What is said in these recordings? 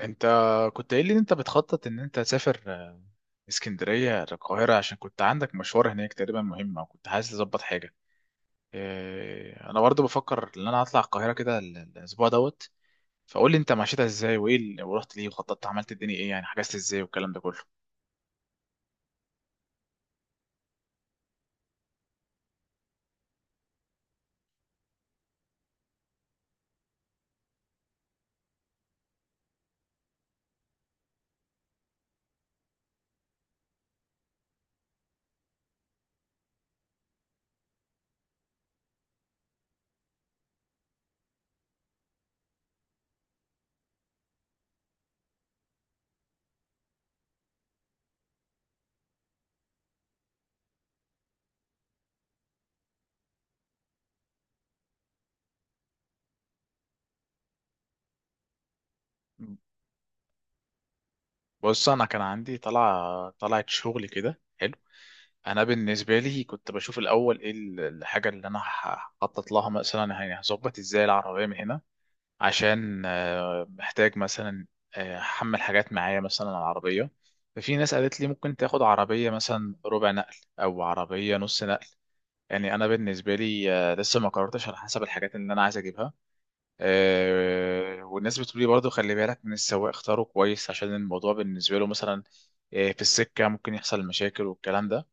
انت كنت قايل لي ان انت بتخطط ان انت تسافر اسكندرية القاهرة، عشان كنت عندك مشوار هناك تقريبا مهم او كنت عايز تظبط حاجة. انا برضه بفكر ان انا هطلع القاهرة كده الاسبوع دوت، فقول لي انت مشيتها ازاي وايه ورحت ليه وخططت عملت الدنيا ايه، يعني حجزت ازاي والكلام ده كله. بص، انا كان عندي طلعت شغل كده حلو. انا بالنسبه لي كنت بشوف الاول ايه الحاجه اللي انا هخطط لها مثلا، يعني هظبط ازاي العربيه من هنا عشان محتاج مثلا احمل حاجات معايا مثلا على العربيه. ففي ناس قالت لي ممكن تاخد عربيه مثلا ربع نقل او عربيه نص نقل. يعني انا بالنسبه لي لسه ما قررتش على حسب الحاجات اللي انا عايز اجيبها. والناس بتقول لي برضو خلي بالك من السواق، اختاره كويس عشان الموضوع بالنسبه له مثلا في السكه ممكن يحصل مشاكل والكلام ده.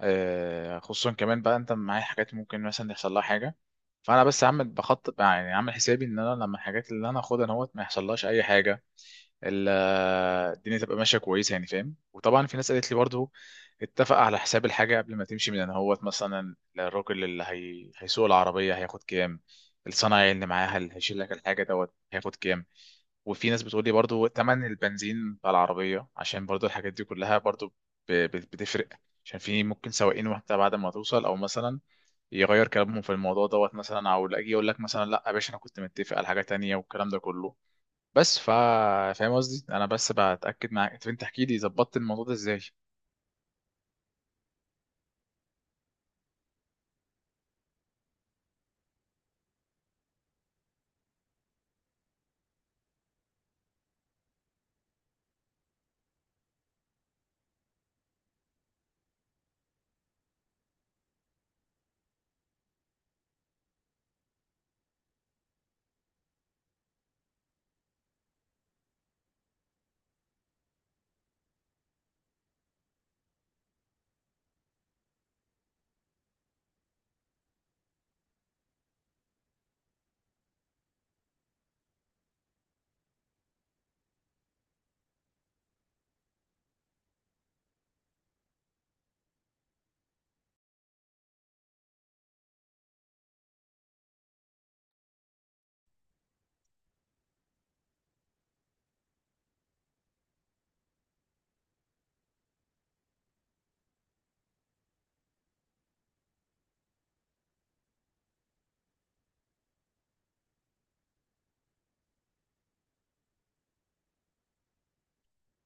خصوصا كمان بقى انت معايا حاجات ممكن مثلا يحصل لها حاجه. فانا بس عامل بخطط، يعني عامل حسابي ان انا لما الحاجات اللي انا اخدها اهوت ما يحصلهاش اي حاجه، ال- الدنيا تبقى ماشيه كويسه، يعني فاهم. وطبعا في ناس قالت لي برضو اتفق على حساب الحاجه قبل ما تمشي، من ان هوت مثلا الراجل هيسوق العربيه هياخد كام، الصنايعي اللي معاها اللي هيشيل لك الحاجه دوت هياخد كام. وفي ناس بتقول لي برضو تمن البنزين بتاع العربيه، عشان برضو الحاجات دي كلها برضو بتفرق، عشان في ممكن سواقين واحده بعد ما توصل او مثلا يغير كلامهم في الموضوع دوت، مثلا او اجي يقول لك مثلا لا يا باشا انا كنت متفق على حاجه تانية والكلام ده كله. بس فاهم قصدي، انا بس بتاكد معاك. طب انت احكي لي ظبطت الموضوع ده ازاي.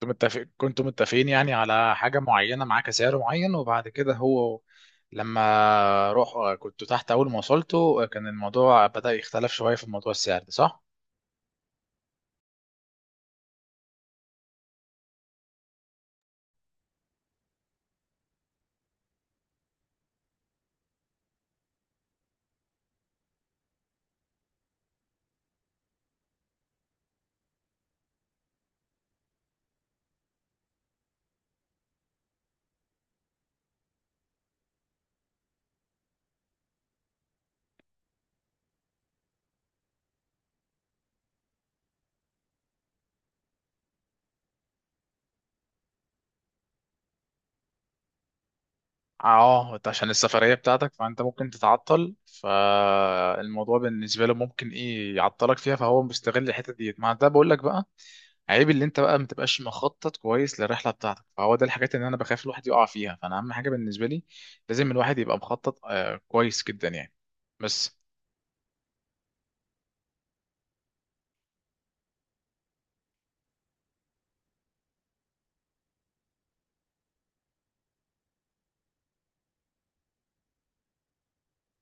كنتوا متفقين يعني على حاجه معينه معاه كسعر معين، وبعد كده هو لما روح كنتوا تحت اول ما وصلتوا كان الموضوع بدأ يختلف شويه في موضوع السعر ده، صح؟ اه، انت عشان السفرية بتاعتك فانت ممكن تتعطل، فالموضوع بالنسبة له ممكن ايه يعطلك فيها، فهو مستغل الحتة ديت. مع ده بقول لك بقى عيب اللي انت بقى ما تبقاش مخطط كويس للرحلة بتاعتك، فهو ده الحاجات اللي انا بخاف الواحد يقع فيها. فانا اهم حاجة بالنسبة لي لازم الواحد يبقى مخطط آه كويس جدا يعني. بس.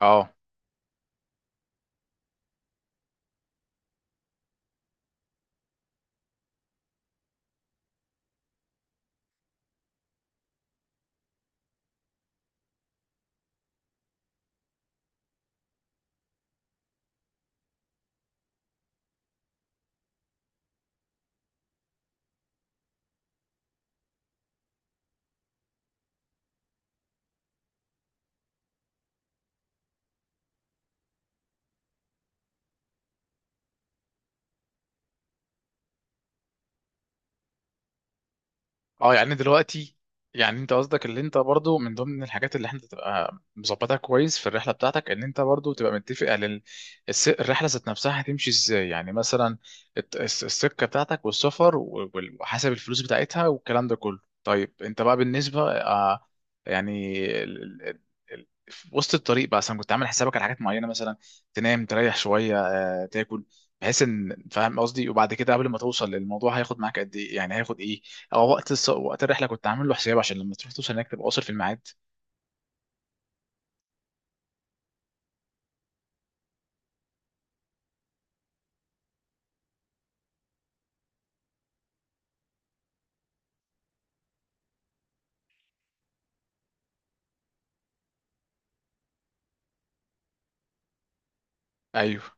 اه، اه، يعني دلوقتي يعني انت قصدك اللي انت برضو من ضمن الحاجات اللي انت تبقى مظبطها كويس في الرحله بتاعتك ان انت برضو تبقى متفق على الرحله ذات نفسها هتمشي ازاي، يعني مثلا السكه بتاعتك والسفر وحسب الفلوس بتاعتها والكلام ده كله. طيب انت بقى بالنسبه يعني ال- ال- ال- في وسط الطريق بقى مثلا كنت عامل حسابك على حاجات معينه، مثلا تنام تريح شويه، تاكل، بحيث ان فاهم قصدي؟ وبعد كده قبل ما توصل للموضوع هياخد معاك قد ايه يعني، هياخد ايه؟ او وقت الرحله كنت عامل له حساب عشان لما تروح توصل هناك تبقى واصل في الميعاد. ايوه،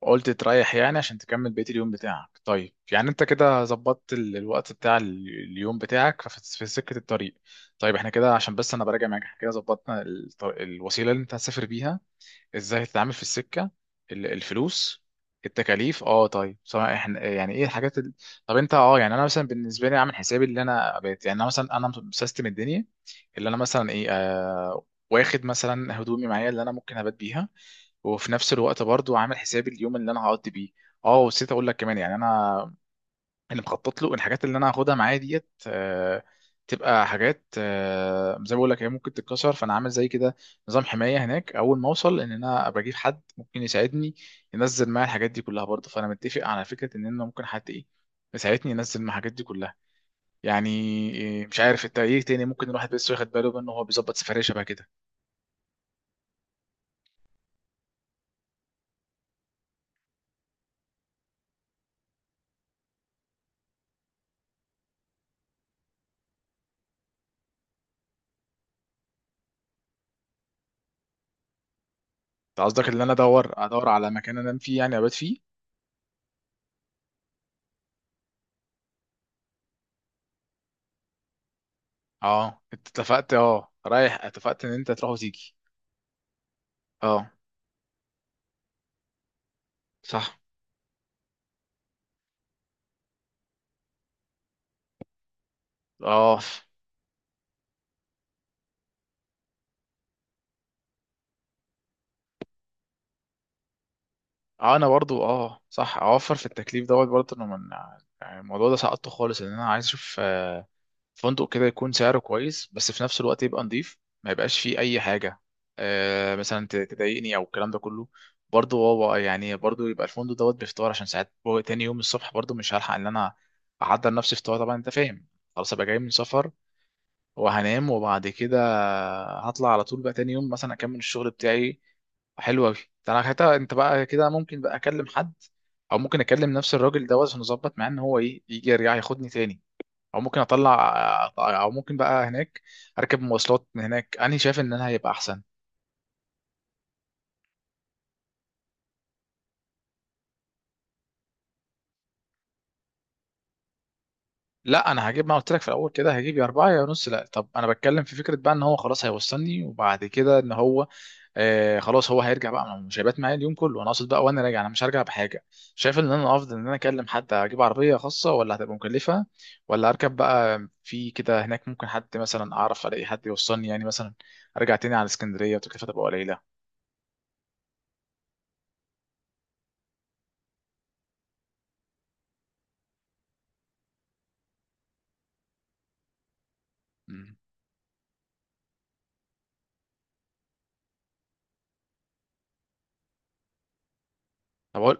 قلت تريح يعني عشان تكمل بقيه اليوم بتاعك. طيب يعني انت كده ظبطت الوقت بتاع اليوم بتاعك في في سكه الطريق. طيب احنا كده عشان بس انا براجع معاك، احنا كده ظبطنا الوسيله اللي انت هتسافر بيها، ازاي هتتعامل في السكه، الفلوس، التكاليف. اه، طيب، سواء احنا يعني ايه طب انت اه، يعني انا مثلا بالنسبه لي عامل حسابي اللي انا بقيت يعني انا مثلا، انا مسيستم الدنيا اللي انا مثلا ايه آه واخد مثلا هدومي معايا اللي انا ممكن ابات بيها، وفي نفس الوقت برضو عامل حسابي اليوم اللي انا هقضي بيه. اه، ونسيت اقول لك كمان يعني انا اللي مخطط له، الحاجات اللي انا هاخدها معايا ديت تبقى حاجات زي ما بقول لك هي ممكن تتكسر، فانا عامل زي كده نظام حمايه هناك اول ما اوصل ان انا ابقى اجيب حد ممكن يساعدني ينزل معايا الحاجات دي كلها برضه، فانا متفق على فكره ان انا ممكن حد ايه يساعدني ينزل مع الحاجات دي كلها. يعني إيه، مش عارف انت ايه تاني ممكن الواحد بس ياخد باله منه وهو بيظبط سفريه شبه كده؟ انت قصدك ان انا ادور على مكان انام فيه يعني ابات فيه؟ اه، انت اتفقت اه رايح، اتفقت ان انت تروح وتيجي. اه، صح. اه، اه، انا برضو اه صح اوفر في التكليف دوت برضو، انه من يعني الموضوع ده سقطته خالص ان انا عايز اشوف فندق كده يكون سعره كويس بس في نفس الوقت يبقى نضيف، ما يبقاش فيه اي حاجه مثلا تضايقني او الكلام ده كله. برضو هو يعني برضو يبقى الفندق دوت بفطار عشان ساعات تاني يوم الصبح برضو مش هلحق ان انا احضر نفسي فطار، طبعا انت فاهم، خلاص ابقى جاي من سفر وهنام، وبعد كده هطلع على طول بقى تاني يوم مثلا اكمل الشغل بتاعي. حلو قوي. انا حتى انت بقى كده ممكن بقى اكلم حد، او ممكن اكلم نفس الراجل ده عشان نظبط معاه ان هو ايه يجي يرجع ياخدني تاني، او ممكن اطلع، او ممكن بقى هناك اركب مواصلات من هناك، انا شايف ان انا هيبقى احسن. لا، انا هجيب ما قلت لك في الاول كده، هجيب يا اربعه يا نص. لا طب انا بتكلم في فكره بقى ان هو خلاص هيوصلني، وبعد كده ان هو آه خلاص هو هيرجع بقى، ما هو مش هيبات معايا اليوم كله، انا اقصد بقى وانا راجع انا مش هرجع بحاجه. شايف ان انا افضل ان انا اكلم حد اجيب عربيه خاصه ولا هتبقى مكلفه؟ ولا اركب بقى في كده هناك ممكن حد مثلا اعرف، الاقي حد يوصلني يعني مثلا، ارجع تاني على اسكندريه وتكلفتها تبقى قليله. مم. طب اقول،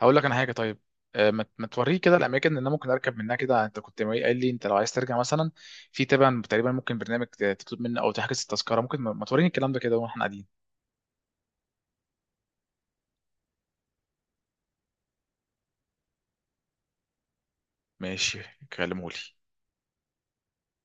هقول لك انا حاجه. طيب، ما ما توريه كده الاماكن اللي انا ممكن اركب منها كده؟ انت كنت قايل لي انت لو عايز ترجع مثلا في تبع تقريبا ممكن برنامج تطلب منه او تحجز التذكره، ممكن ما ما توريني الكلام ده كده واحنا قاعدين؟ ماشي، كلمه لي.